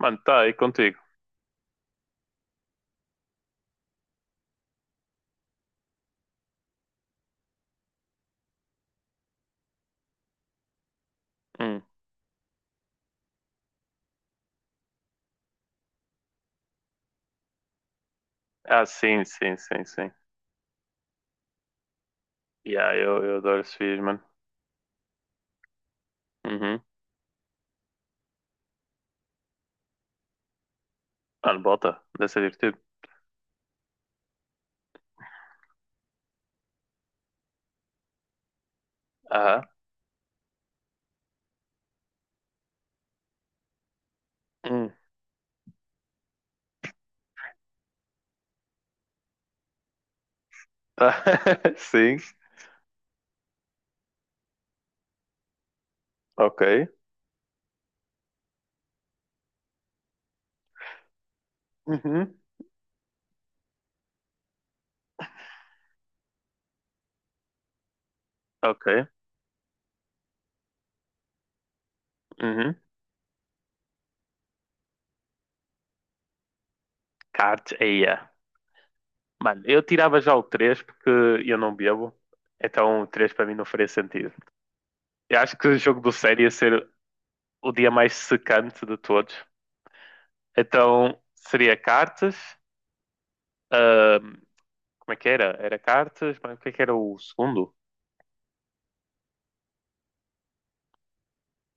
Mano, tá aí contigo. Hum. Ah, sim, sim, sim, sim. Yeah, eu adoro esses vídeos, mano. Uhum. Mano, bota. Deve ser divertido. Aham. Hum. Tá. Sim. Ok. Uhum. Ok. Uhum. Cards, yeah. Mano, eu tirava já o 3 porque eu não bebo. Então o 3 para mim não faria sentido. Eu acho que o jogo do sério ia ser o dia mais secante de todos. Então seria cartas. ahm, Como é que era? Era cartas, mas o que é que era o segundo?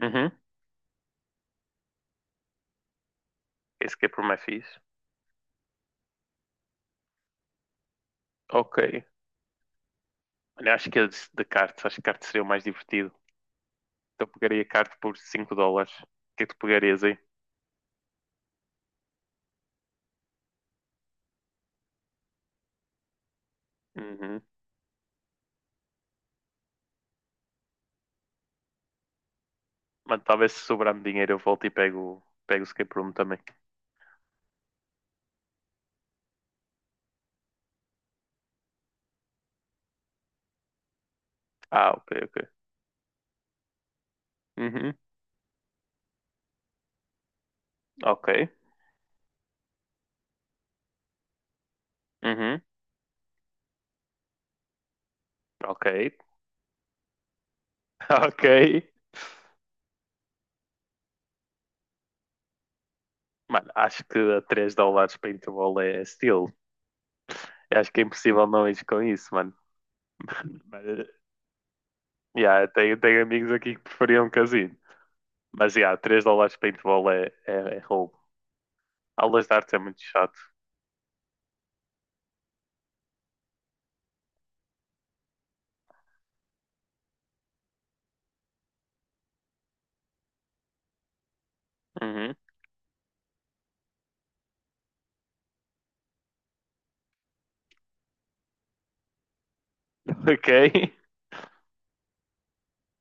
Uhum. Escape Room é por mais fixe. Ok. Olha, acho que é de cartas. Acho que cartas seria o mais divertido. Então pegaria cartas por 5 dólares. O que é que tu pegarias aí? Uhum. Mano, talvez se sobrar-me dinheiro eu volto e pego o escape room também. Ah, ok, ok. Uhum. Ok. Uhum. Ok. Ok. Mano, acho que a 3 dólares para intervalo é steal. Eu acho que é impossível não ir com isso, mano. Mas, yeah, eu tenho amigos aqui que preferiam um casino. Mas, yeah, 3 dólares para intervalo é, é, é roubo. Aulas de artes é muito chato. Uhum. Ok.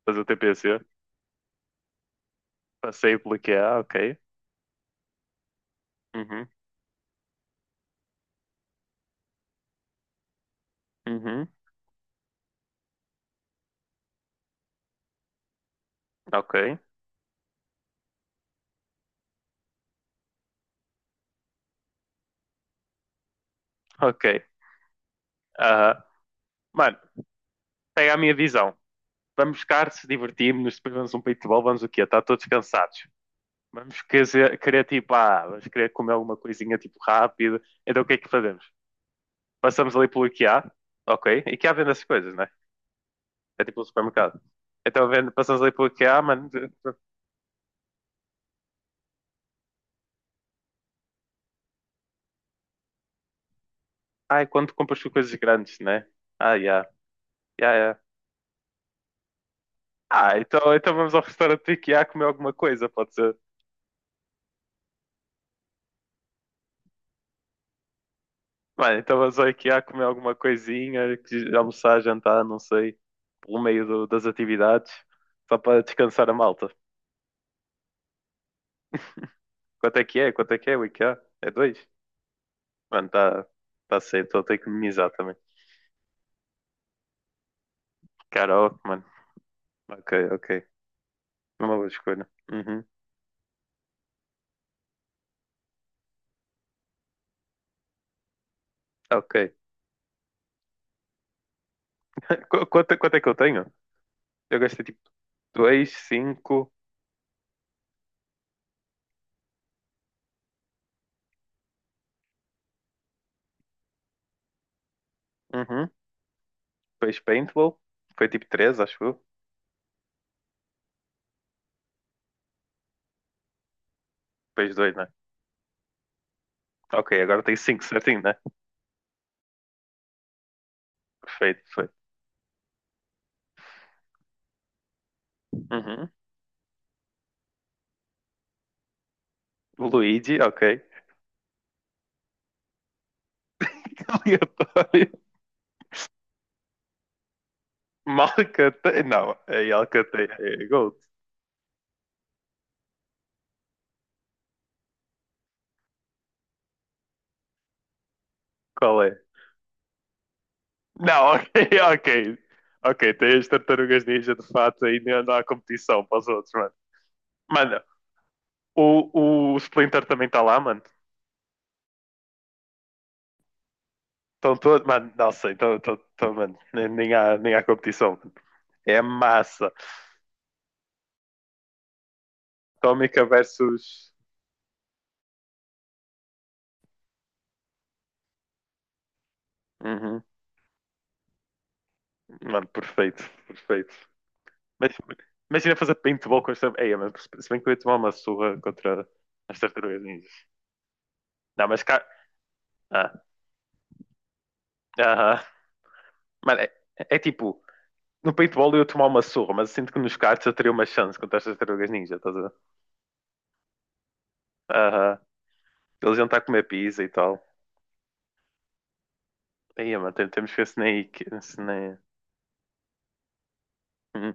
Fazer o TPC. Passei pelo que há, ok. Uhum. Uhum. Ok. Ok. Aham. Mano, pega a minha visão. Vamos buscar, se divertimos, depois vamos um paintball, vamos o quê? Está todos cansados. Vamos querer tipo, ah, vamos querer comer alguma coisinha tipo rápido. Então o que é que fazemos? Passamos ali pelo IKEA, ok? IKEA vende essas coisas, né? É tipo um supermercado. Então vendo, passamos ali pelo IKEA, mano. Ai, quando compras coisas grandes, né? Ah, já. Yeah. Yeah, ah, então, então vamos ao restaurante do IKEA comer alguma coisa, pode ser? Mano, então vamos ao IKEA comer alguma coisinha, que- almoçar, jantar, não sei, pelo meio do- das atividades, só para descansar a malta. Quanto é que é? Quanto é que é o IKEA? É dois? Mano, tá, tá cedo, estou tenho que minimizar também. Karaoke, mano. Ok, ok. Uma boa escolha. Uhum. Ok. Qu- quanto, quanto é que eu tenho? Eu gastei tipo dois, cinco. Uhum. Depois paintball. Foi tipo três, acho eu. Depois dois, né? Ok, agora tem cinco certinho, né? Perfeito, perfeito. Uhum. O Luigi, ok. Aleatório. Malcateia. Não, é Alcateia. É Gold. Qual é? Não, ok, ok. Ok, tem as tartarugas ninja de fato aí não há competição para os outros, mano. Mano, o Splinter também está lá, mano. Estão todos. Mano, não sei, estão, estão, estão, mano. Nem, nem, há, nem há competição. É massa. Tómica versus. Uhum. Mano, perfeito, perfeito. Mas, imagina fazer paintball com as tartarugas. Ei, mas se bem que eu ia tomar uma surra contra as tartarugas ninjas. Não, mas cá. Ah, aham. Mano, é, é tipo. No paintball eu ia tomar uma surra, mas eu sinto que nos cards eu teria uma chance contra as tartarugas ninja, estás a ver? Aham. Eles iam estar a comer pizza e tal. Aí, mano, tem- temos que ver se nem. Se nem... Hum.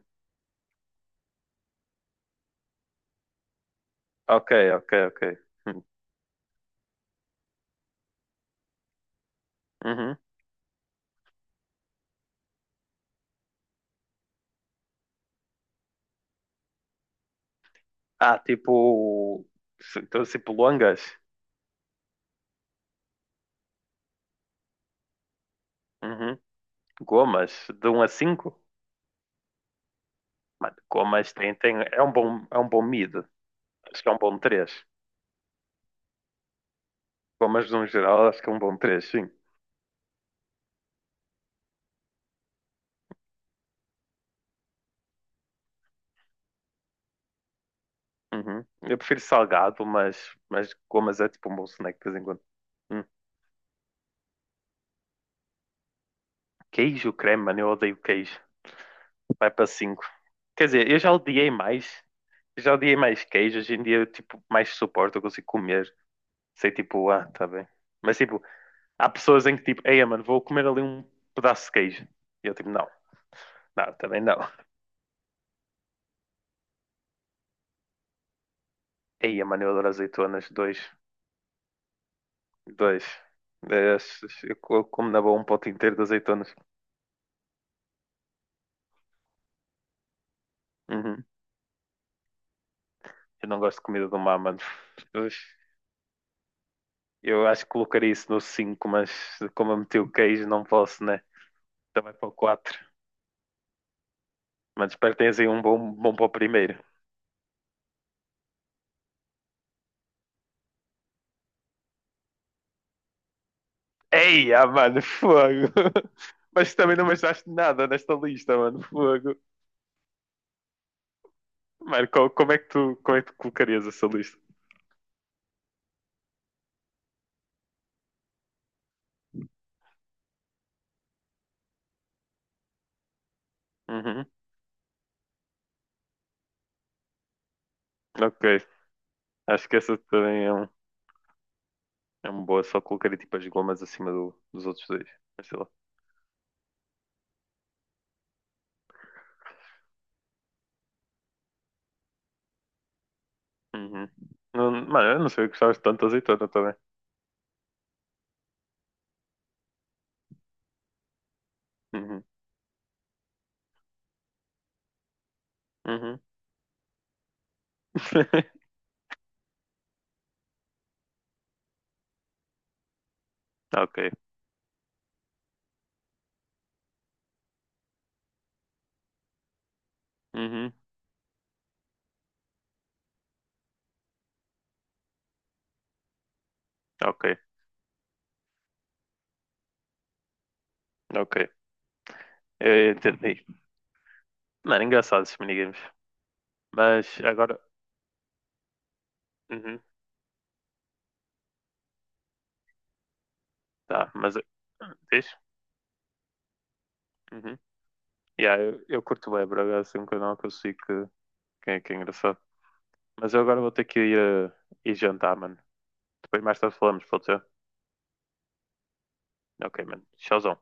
Ok, ok, ok. Hum. Uhum. Ah, tipo. Se- então, tipo, longas. Uhum. Gomas, de um a 5. Mano, gomas tem, tem, é um bom mid. Acho que é um bom 3. Gomas no geral, acho que é um bom três sim. Uhum. Eu prefiro salgado, mas gomas é tipo um bom snack de vez em quando. Hum. Queijo, creme, mano, eu odeio queijo. Vai para cinco. Quer dizer, eu já odiei mais. Já odiei mais queijo. Hoje em dia, eu, tipo, mais suporto, eu consigo comer. Sei, tipo, ah, tá bem. Mas, tipo, há pessoas em que, tipo, ei, mano, vou comer ali um pedaço de queijo. E eu, tipo, não, não, também não. Ei, mano, eu adoro azeitonas. Dois, dois. Eh, Eu como na boa um pote inteiro de azeitonas. Uhum. Eu não gosto de comida do mar, mano. Ux, eu acho que colocaria isso no 5 mas como eu meti o queijo, não posso, né? Também para o quatro. Mas espero que tenhas aí um bom, bom para o primeiro. Ei, ah, mano, fogo! Mas também não me achaste nada nesta lista, mano, fogo. Mano, co- como é que tu, como é que tu colocarias essa lista? Uhum. Ok. Acho que essa também é um, é uma boa, só colocaria tipo as gomas acima do- dos outros dois. Mas sei lá. Uhum. Não- mano, eu não sei que gostavas tanto de azeitona também. Uhum. Uhum. Ok. Uhum. Ok. Ok. Eu entendi. Mano, engraçado esses minigames. Mas agora. Uhum. Tá, mas. Vês? Uhum. Yeah, eu curto bem, bro. É assim um canal que eu sei que é engraçado. Mas eu agora vou ter que ir, ir jantar, mano. Depois mais tarde falamos, pode ser? Ok, mano. Tchauzão.